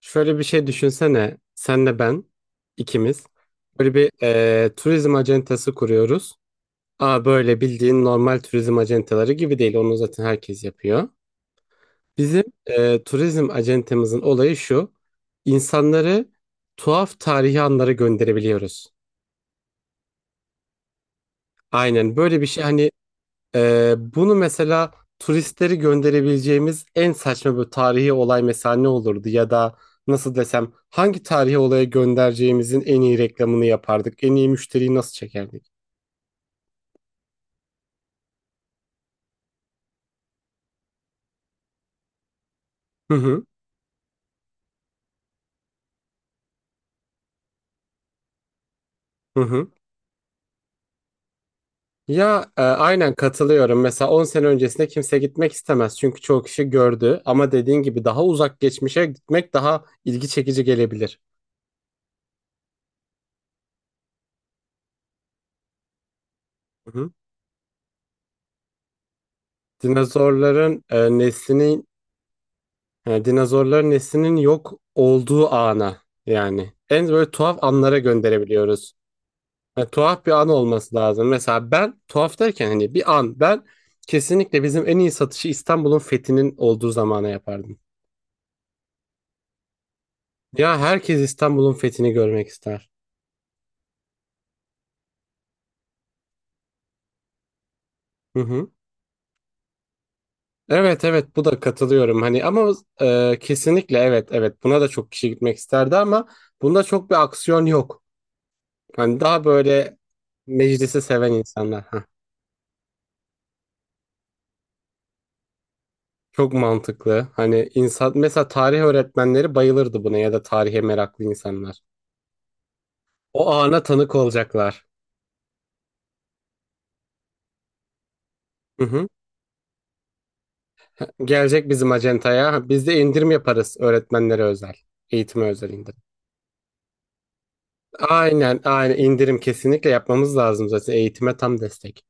Şöyle bir şey düşünsene. Senle ben ikimiz böyle bir turizm acentası kuruyoruz. Aa, böyle bildiğin normal turizm acentaları gibi değil. Onu zaten herkes yapıyor. Bizim turizm acentemizin olayı şu. İnsanları tuhaf tarihi anlara gönderebiliyoruz. Aynen böyle bir şey hani. Bunu mesela turistleri gönderebileceğimiz en saçma bir tarihi olay mesela ne olurdu, ya da nasıl desem hangi tarihi olaya göndereceğimizin en iyi reklamını yapardık, en iyi müşteriyi nasıl çekerdik? Hı hı, hı hı. Ya, aynen katılıyorum. Mesela 10 sene öncesinde kimse gitmek istemez çünkü çoğu kişi gördü, ama dediğin gibi daha uzak geçmişe gitmek daha ilgi çekici gelebilir. Hı hı. Dinozorların neslini. Yani dinozorların neslinin yok olduğu ana yani. En böyle tuhaf anlara gönderebiliyoruz. Yani tuhaf bir an olması lazım. Mesela ben tuhaf derken hani bir an ben kesinlikle bizim en iyi satışı İstanbul'un fethinin olduğu zamana yapardım. Ya, herkes İstanbul'un fethini görmek ister. Hı hı. Evet evet, bu da katılıyorum hani, ama kesinlikle evet evet, buna da çok kişi gitmek isterdi ama bunda çok bir aksiyon yok. Hani daha böyle meclisi seven insanlar. Çok mantıklı. Hani insan mesela tarih öğretmenleri bayılırdı buna ya da tarihe meraklı insanlar. O ana tanık olacaklar. Hı hı. Gelecek bizim acentaya. Ha, biz de indirim yaparız öğretmenlere özel. Eğitime özel indirim. Aynen, aynen, indirim kesinlikle yapmamız lazım zaten, eğitime tam destek.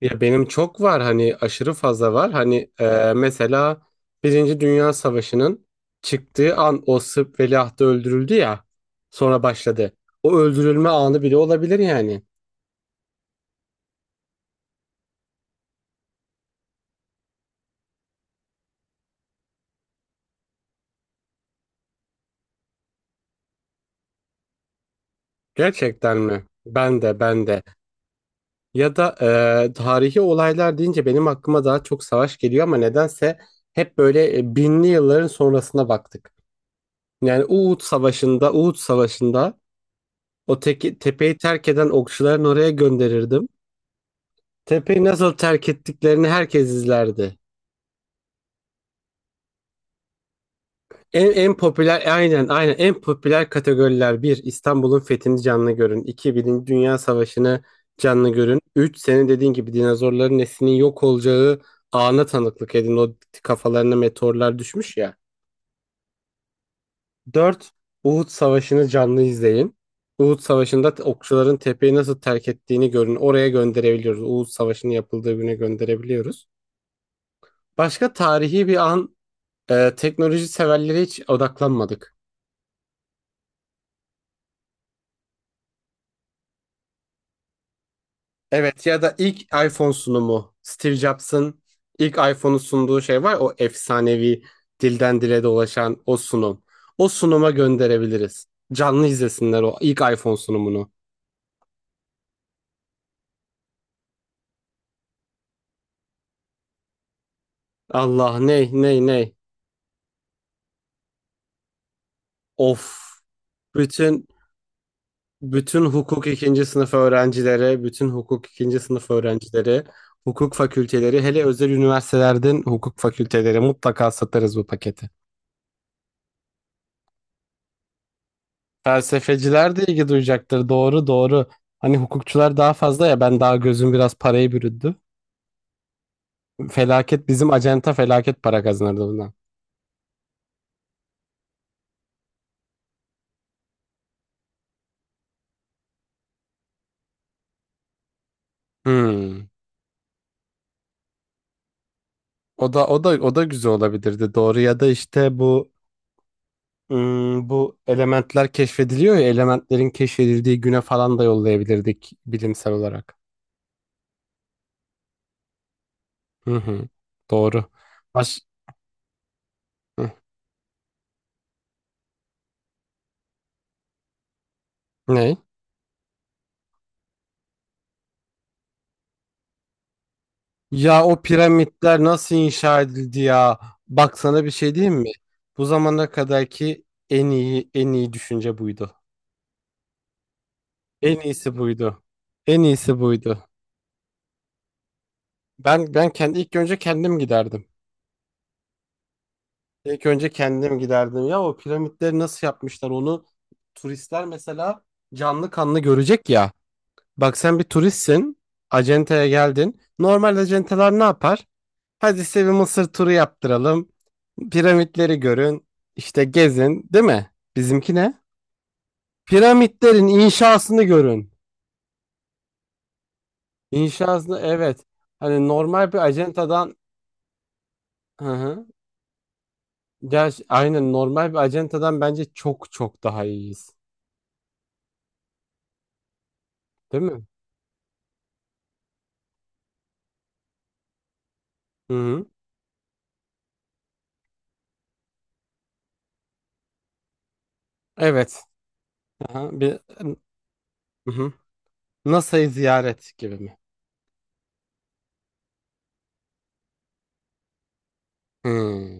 Ya benim çok var hani, aşırı fazla var. Hani, mesela Birinci Dünya Savaşı'nın çıktığı an, o Sırp veliahtı öldürüldü ya. Sonra başladı. O öldürülme anı bile olabilir yani. Gerçekten mi? Ben de, ben de. Ya da tarihi olaylar deyince benim aklıma daha çok savaş geliyor ama nedense hep böyle binli yılların sonrasına baktık. Yani Uhud Savaşı'nda tepeyi terk eden okçuların oraya gönderirdim. Tepeyi nasıl terk ettiklerini herkes izlerdi. En popüler, aynen aynen en popüler kategoriler: bir, İstanbul'un fethini canlı görün. İki Birinci Dünya Savaşı'nı canlı görün. Üç, senin dediğin gibi dinozorların neslinin yok olacağı ana tanıklık edin. O, kafalarına meteorlar düşmüş ya. Dört, Uhud Savaşı'nı canlı izleyin. Uhud Savaşı'nda okçuların tepeyi nasıl terk ettiğini görün. Oraya gönderebiliyoruz. Uhud Savaşı'nın yapıldığı güne gönderebiliyoruz. Başka tarihi bir an. Teknoloji severlere hiç odaklanmadık. Evet, ya da ilk iPhone sunumu. Steve Jobs'ın ilk iPhone'u sunduğu şey var. O efsanevi, dilden dile dolaşan o sunum. O sunuma gönderebiliriz. Canlı izlesinler o ilk iPhone sunumunu. Allah, ney ney ney. Of. Bütün bütün hukuk ikinci sınıf öğrencileri, bütün hukuk ikinci sınıf öğrencileri, hukuk fakülteleri, hele özel üniversitelerden hukuk fakülteleri mutlaka satarız bu paketi. Felsefeciler de ilgi duyacaktır. Doğru, doğru. Hani hukukçular daha fazla ya, ben daha gözüm biraz parayı bürüdü. Felaket, bizim acenta felaket para kazanırdı bundan. Hmm. O da, o da, o da güzel olabilirdi. Doğru. Ya da işte bu elementler keşfediliyor ya, elementlerin keşfedildiği güne falan da yollayabilirdik bilimsel olarak. Hı hı. Doğru. Baş... Hı. Ne? Ya o piramitler nasıl inşa edildi ya? Bak sana bir şey diyeyim mi? Bu zamana kadarki en iyi, en iyi düşünce buydu. En iyisi buydu. En iyisi buydu. Ben ilk önce kendim giderdim. İlk önce kendim giderdim. Ya o piramitleri nasıl yapmışlar onu turistler mesela canlı kanlı görecek ya. Bak, sen bir turistsin. Acenteye geldin. Normal acenteler ne yapar? Hadi size bir Mısır turu yaptıralım. Piramitleri görün. İşte gezin, değil mi? Bizimki ne? Piramitlerin inşasını görün. İnşasını, evet. Hani normal bir acentadan, hı hı. Gerçi aynen, normal bir acentadan bence çok çok daha iyiyiz. Değil mi? Hı hı. Evet. Hı hı. Bir, hı hı. NASA'yı ziyaret gibi mi? Hı.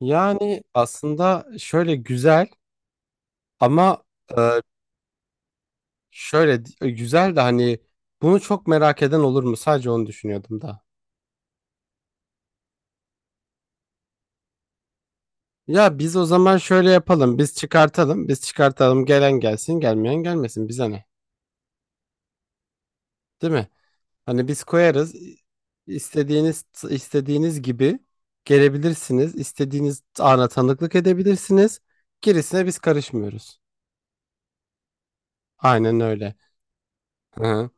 Yani aslında şöyle güzel ama. Şöyle güzel de hani bunu çok merak eden olur mu? Sadece onu düşünüyordum da. Ya biz o zaman şöyle yapalım. Biz çıkartalım. Biz çıkartalım. Gelen gelsin, gelmeyen gelmesin. Bize ne? Değil mi? Hani biz koyarız. İ- istediğiniz istediğiniz gibi gelebilirsiniz. İstediğiniz ana tanıklık edebilirsiniz. Gerisine biz karışmıyoruz. Aynen öyle. Hı hı.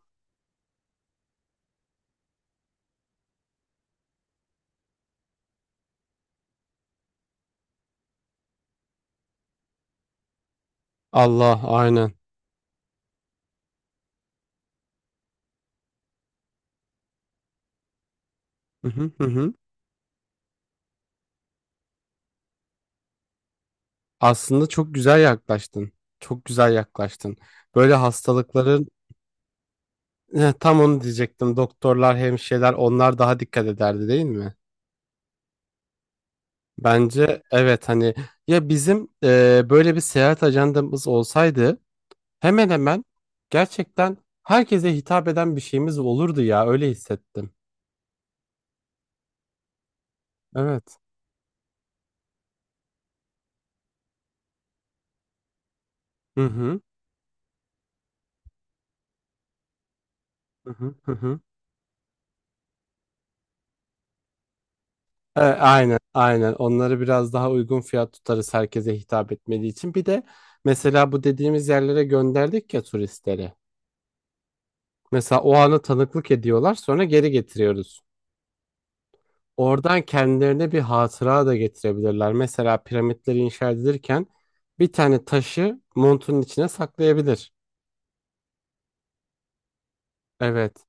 Allah, aynen. Hı hı hı, hı. Aslında çok güzel yaklaştın. Çok güzel yaklaştın. Böyle hastalıkların. Tam onu diyecektim. Doktorlar, hemşireler onlar daha dikkat ederdi değil mi? Bence evet hani, ya bizim böyle bir seyahat ajandamız olsaydı hemen hemen gerçekten herkese hitap eden bir şeyimiz olurdu ya, öyle hissettim. Evet. Hı hı. Hı hı. Hı hı. Aynen aynen onları biraz daha uygun fiyat tutarız herkese hitap etmediği için. Bir de mesela bu dediğimiz yerlere gönderdik ya turistleri. Mesela o ana tanıklık ediyorlar, sonra geri getiriyoruz. Oradan kendilerine bir hatıra da getirebilirler. Mesela piramitleri inşa edilirken bir tane taşı montunun içine saklayabilir. Evet.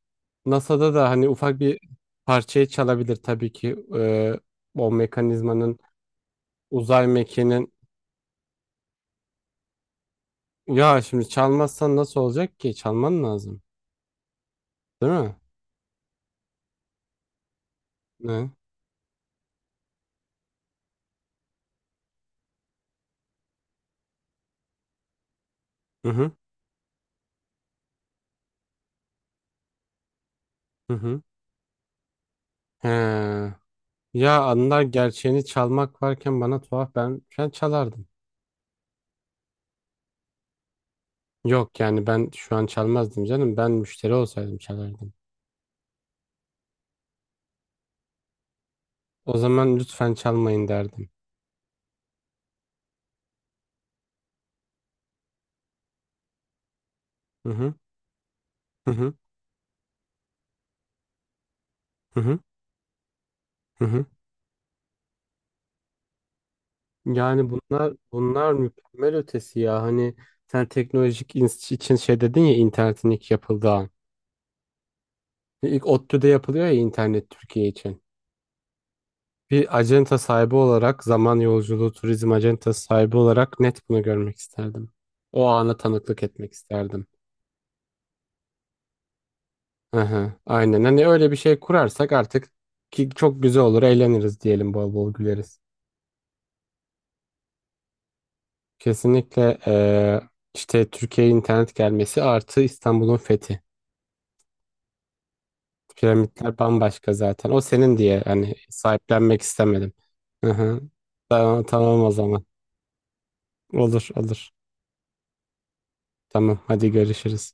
NASA'da da hani ufak bir parçayı çalabilir tabii ki. O mekanizmanın, uzay mekiğinin. Ya şimdi çalmazsan nasıl olacak ki? Çalman lazım. Değil mi? Ne? Hı hı. Hı hı. He. Ya anılar gerçeğini çalmak varken, bana tuhaf, ben ben çalardım. Yok yani, ben şu an çalmazdım canım. Ben müşteri olsaydım çalardım. O zaman lütfen çalmayın derdim. Hı hı hı, hı hı hı. Hı hı. Yani bunlar bunlar mükemmel ötesi ya. Hani sen teknolojik için şey dedin ya, internetin ilk yapıldığı an. İlk ODTÜ'de yapılıyor ya internet Türkiye için. Bir acenta sahibi olarak, zaman yolculuğu turizm acentası sahibi olarak, net bunu görmek isterdim. O ana tanıklık etmek isterdim. Hı hı, aynen, hani öyle bir şey kurarsak artık, ki çok güzel olur, eğleniriz diyelim, bol bol güleriz. Kesinlikle işte Türkiye'ye internet gelmesi artı İstanbul'un fethi. Piramitler bambaşka zaten, o senin diye hani sahiplenmek istemedim. Hı hı. Tamam, tamam, o zaman olur olur, tamam hadi görüşürüz.